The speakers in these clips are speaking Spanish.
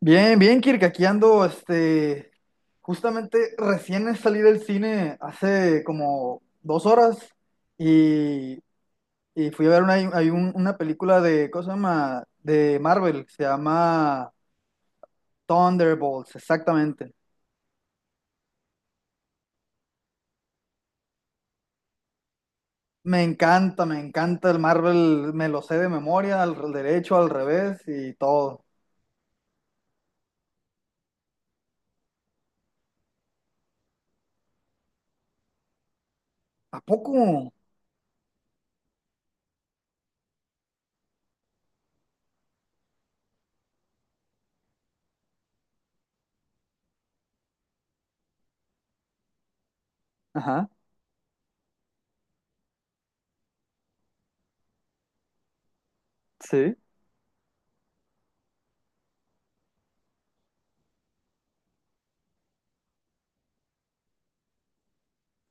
Bien, bien, Kirk, aquí ando, justamente recién salí del cine hace como 2 horas y, y fui a ver una película de, ¿cómo se llama? De Marvel, se llama Thunderbolts, exactamente. Me encanta el Marvel, me lo sé de memoria, al derecho, al revés y todo. ¿A poco? Ajá, sí.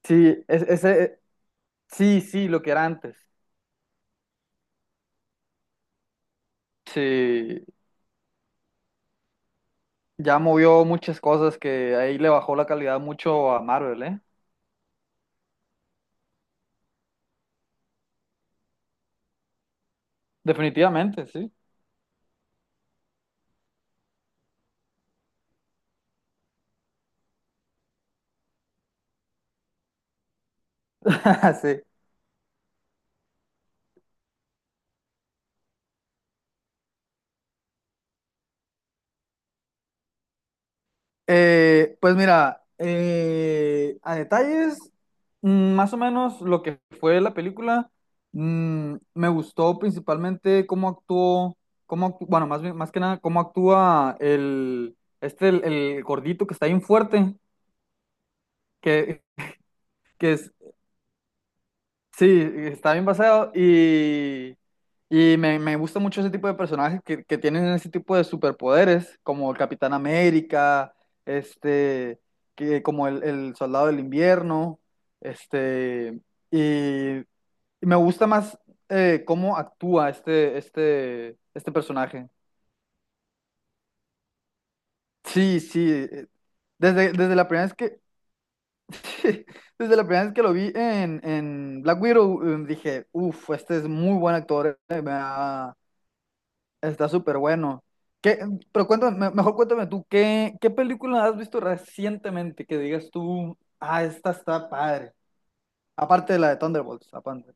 Sí, es- ese, sí, sí, lo que era antes. Sí. Ya movió muchas cosas que ahí le bajó la calidad mucho a Marvel, ¿eh? Definitivamente, sí. Sí. Pues mira, a detalles, más o menos lo que fue la película, me gustó principalmente cómo actuó, cómo actú- bueno, más bien- más que nada, cómo actúa el gordito que está bien fuerte. que, que es, Sí, está bien basado, y me gusta mucho ese tipo de personajes que tienen ese tipo de superpoderes, como el Capitán América, este, como el Soldado del Invierno, este, y, y me gusta más, cómo actúa este personaje. Sí, sí, desde, desde la primera vez que, desde la primera vez que lo vi en Black Widow, dije: uff, este es muy buen actor, Está súper bueno. ¿Qué- pero cuéntame, mejor cuéntame tú, ¿qué película has visto recientemente que digas tú: ah, ¿esta está padre? Aparte de la de Thunderbolts,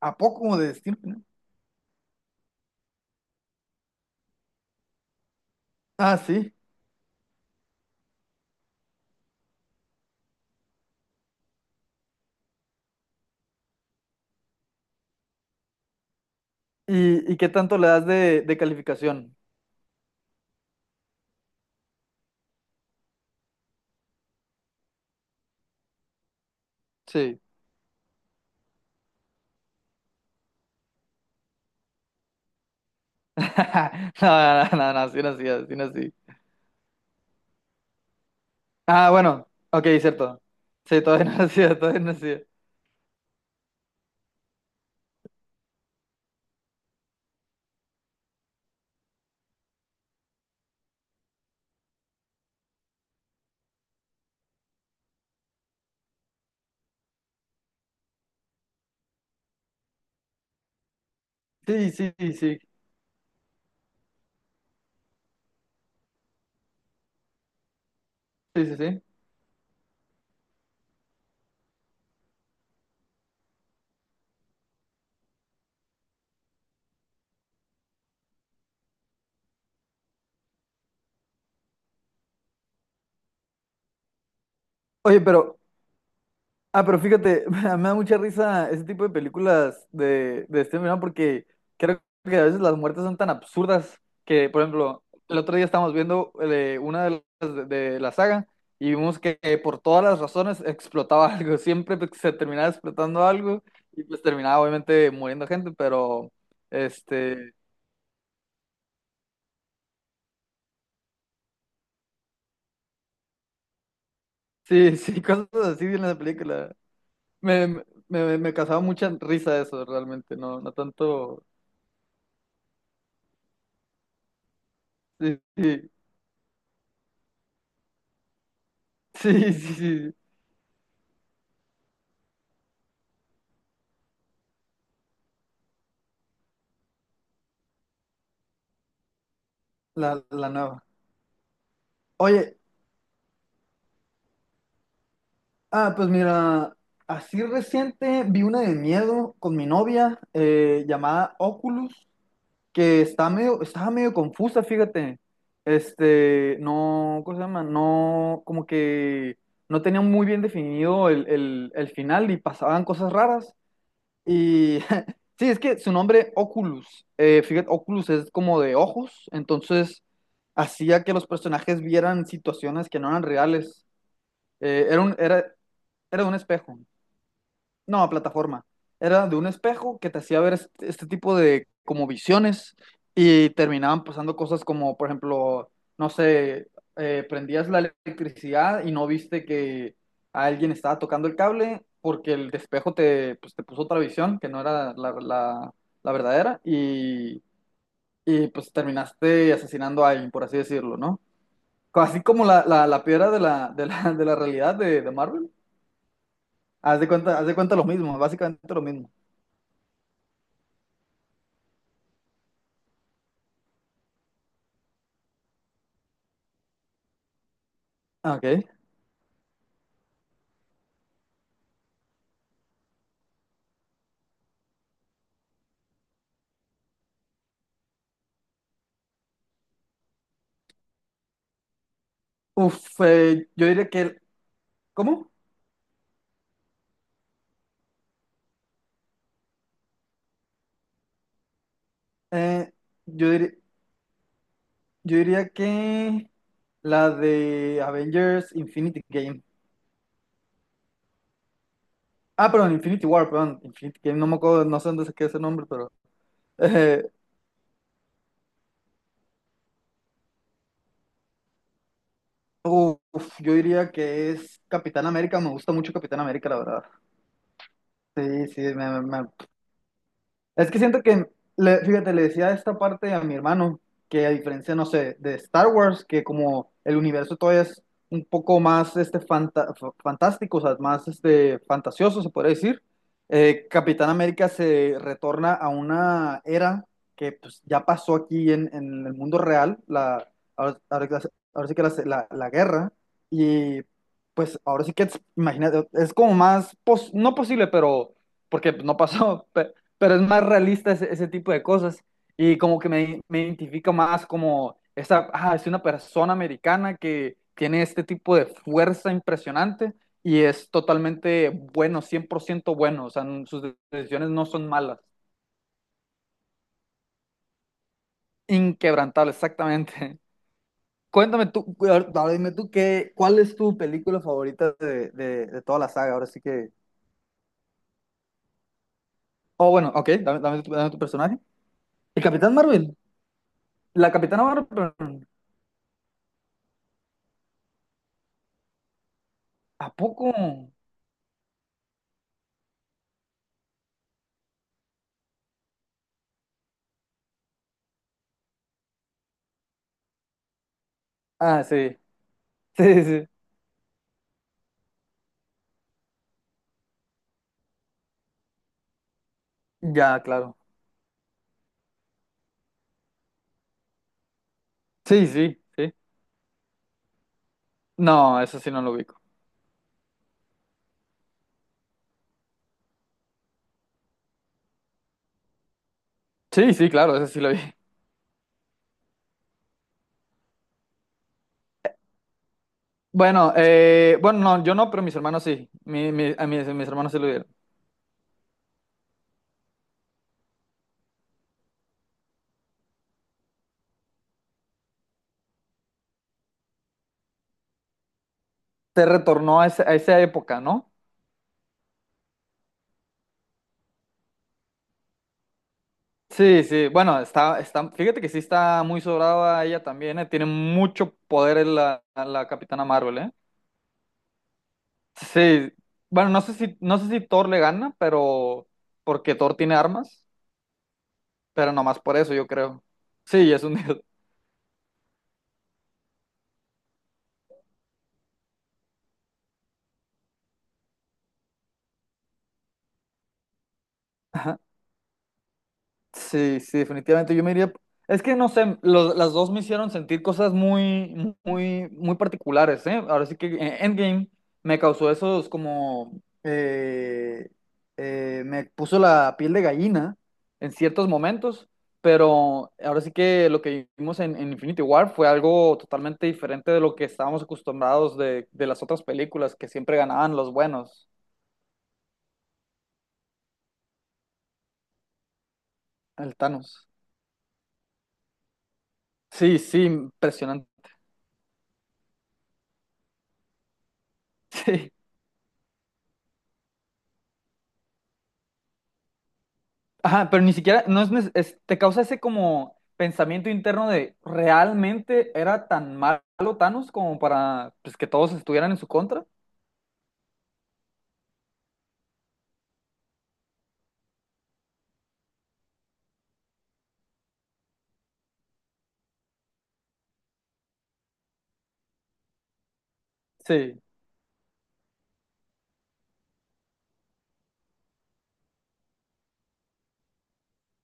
¿a poco de Steel? ¿No? Ah, sí. ¿Y, ¿y qué tanto le das de calificación? Sí. No, no, no, no, sí, no, sí, sí, no, sí. Ah, bueno, ok, cierto. Sí, todavía no nacía, todavía no nacía. Sí, sí, sí, sí, sí, sí, sí. Oye, ah, pero fíjate, me da mucha risa ese tipo de películas de este verano, porque creo que a veces las muertes son tan absurdas que, por ejemplo, el otro día estábamos viendo, una de las de la saga, y vimos que, por todas las razones explotaba algo, siempre pues se terminaba explotando algo, y pues terminaba obviamente muriendo gente. Pero, este, sí, sí, cosas así en la película. Me causaba mucha risa eso realmente, no, no tanto, sí, sí. Sí, sí. Sí. La nueva. Oye, ah, pues mira, así reciente vi una de miedo con mi novia, llamada Oculus, que está medio, estaba medio confusa, fíjate. No, ¿cómo se llama? No, como que no tenía muy bien definido el final, y pasaban cosas raras. Y sí, es que su nombre Oculus, fíjate, Oculus es como de ojos, entonces hacía que los personajes vieran situaciones que no eran reales. Eh, era un, era, Era de un espejo. No, plataforma. Era de un espejo que te hacía ver este tipo de como visiones, y terminaban pasando cosas como, por ejemplo, no sé, prendías la electricidad y no viste que alguien estaba tocando el cable, porque el espejo te, pues, te puso otra visión que no era la verdadera, y pues terminaste asesinando a alguien, por así decirlo, ¿no? Así como la piedra de la realidad de Marvel. Haz de cuenta lo mismo, básicamente lo mismo. Ok. Uf, yo diría que ¿Cómo? Eh, yo diría, yo diría que la de Avengers Infinity Game. Ah, perdón, Infinity War, perdón, Infinity Game, no me acuerdo, no sé dónde se queda ese nombre, pero… eh, uf, yo diría que es Capitán América, me gusta mucho Capitán América, la verdad. Sí, sí. Es que siento que, fíjate, le decía esta parte a mi hermano, que a diferencia, no sé, de Star Wars, que como el universo todavía es un poco más, fantástico, o sea, más, fantasioso, se podría decir. Capitán América se retorna a una era que pues ya pasó aquí en el mundo real, la, ahora, ahora que la- ahora sí que la guerra, y pues ahora sí que, imagínate, es como más, no posible, pero porque pues no pasó, pero es más realista ese tipo de cosas, y como que me identifica más, como, ah, es una persona americana que tiene este tipo de fuerza impresionante, y es totalmente bueno, 100% bueno. O sea, sus decisiones no son malas, inquebrantable, exactamente. Cuéntame tú, ahora dime tú, ¿cuál es tu película favorita de toda la saga? Ahora sí que… Oh, bueno, ok, dame tu personaje. El Capitán Marvel, la Capitana Marvel, ¿a poco? Ah, sí. Sí, sí, sí. Ya, claro. Sí, sí, sí. No, eso sí no lo ubico. Sí, sí, claro, eso sí lo vi. Bueno, no, yo no, pero mis hermanos sí. A mis hermanos sí lo vieron. Te retornó a, a esa época, ¿no? Sí, sí. Bueno, fíjate que sí está muy sobrada ella también, tiene mucho poder en la Capitana Marvel, ¿eh? Sí. Bueno, no sé si Thor le gana, pero porque Thor tiene armas, pero nomás por eso, yo creo. Sí, es un dios. Sí, sí, definitivamente. Yo me iría. Es que no sé, las dos me hicieron sentir cosas muy, muy, muy particulares, ¿eh? Ahora sí que, Endgame me causó esos como, me puso la piel de gallina en ciertos momentos, pero ahora sí que lo que vimos en Infinity War fue algo totalmente diferente de lo que estábamos acostumbrados de las otras películas, que siempre ganaban los buenos, el Thanos. Sí, sí, impresionante. Ajá, pero ni siquiera, no es, te causa ese como pensamiento interno de: ¿realmente era tan malo Thanos como para, pues, que todos estuvieran en su contra? Sí,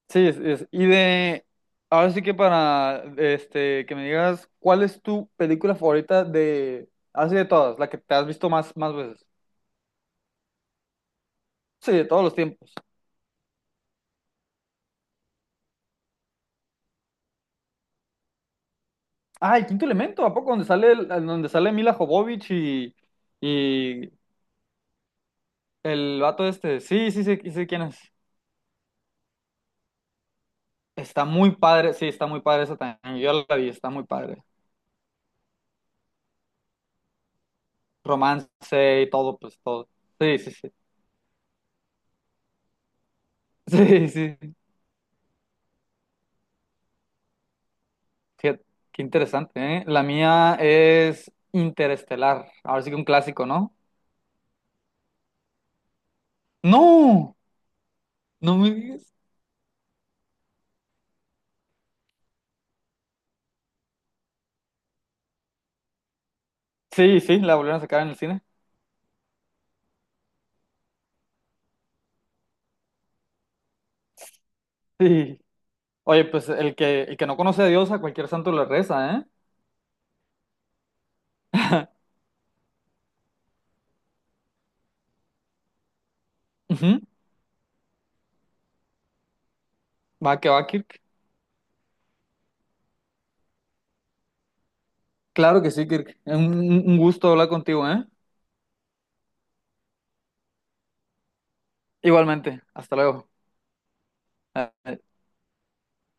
sí. Ahora sí que para, este, que me digas, ¿cuál es tu película favorita de, así de todas, la que te has visto más, más veces? Sí, de todos los tiempos. Ah, el quinto elemento, ¿a poco? Donde sale, donde sale Mila Jovovich y el vato este. Sí, sí, sí, sí, quién es. Está muy padre, sí, está muy padre esa también. Yo la vi, está muy padre. Romance y todo, pues todo. Sí, sí, sí. Sí, sí. Qué, qué interesante, ¿eh? La mía es Interestelar. Ahora sí que un clásico, ¿no? ¡No! No me digas. Sí, sí, la volvieron a sacar en el cine. Sí. Oye, pues el que no conoce a Dios, a cualquier santo le reza, ¿eh? Ujú. Va que va, Kirk. Claro que sí, Kirk. Un gusto hablar contigo, ¿eh? Igualmente. Hasta luego. Eh,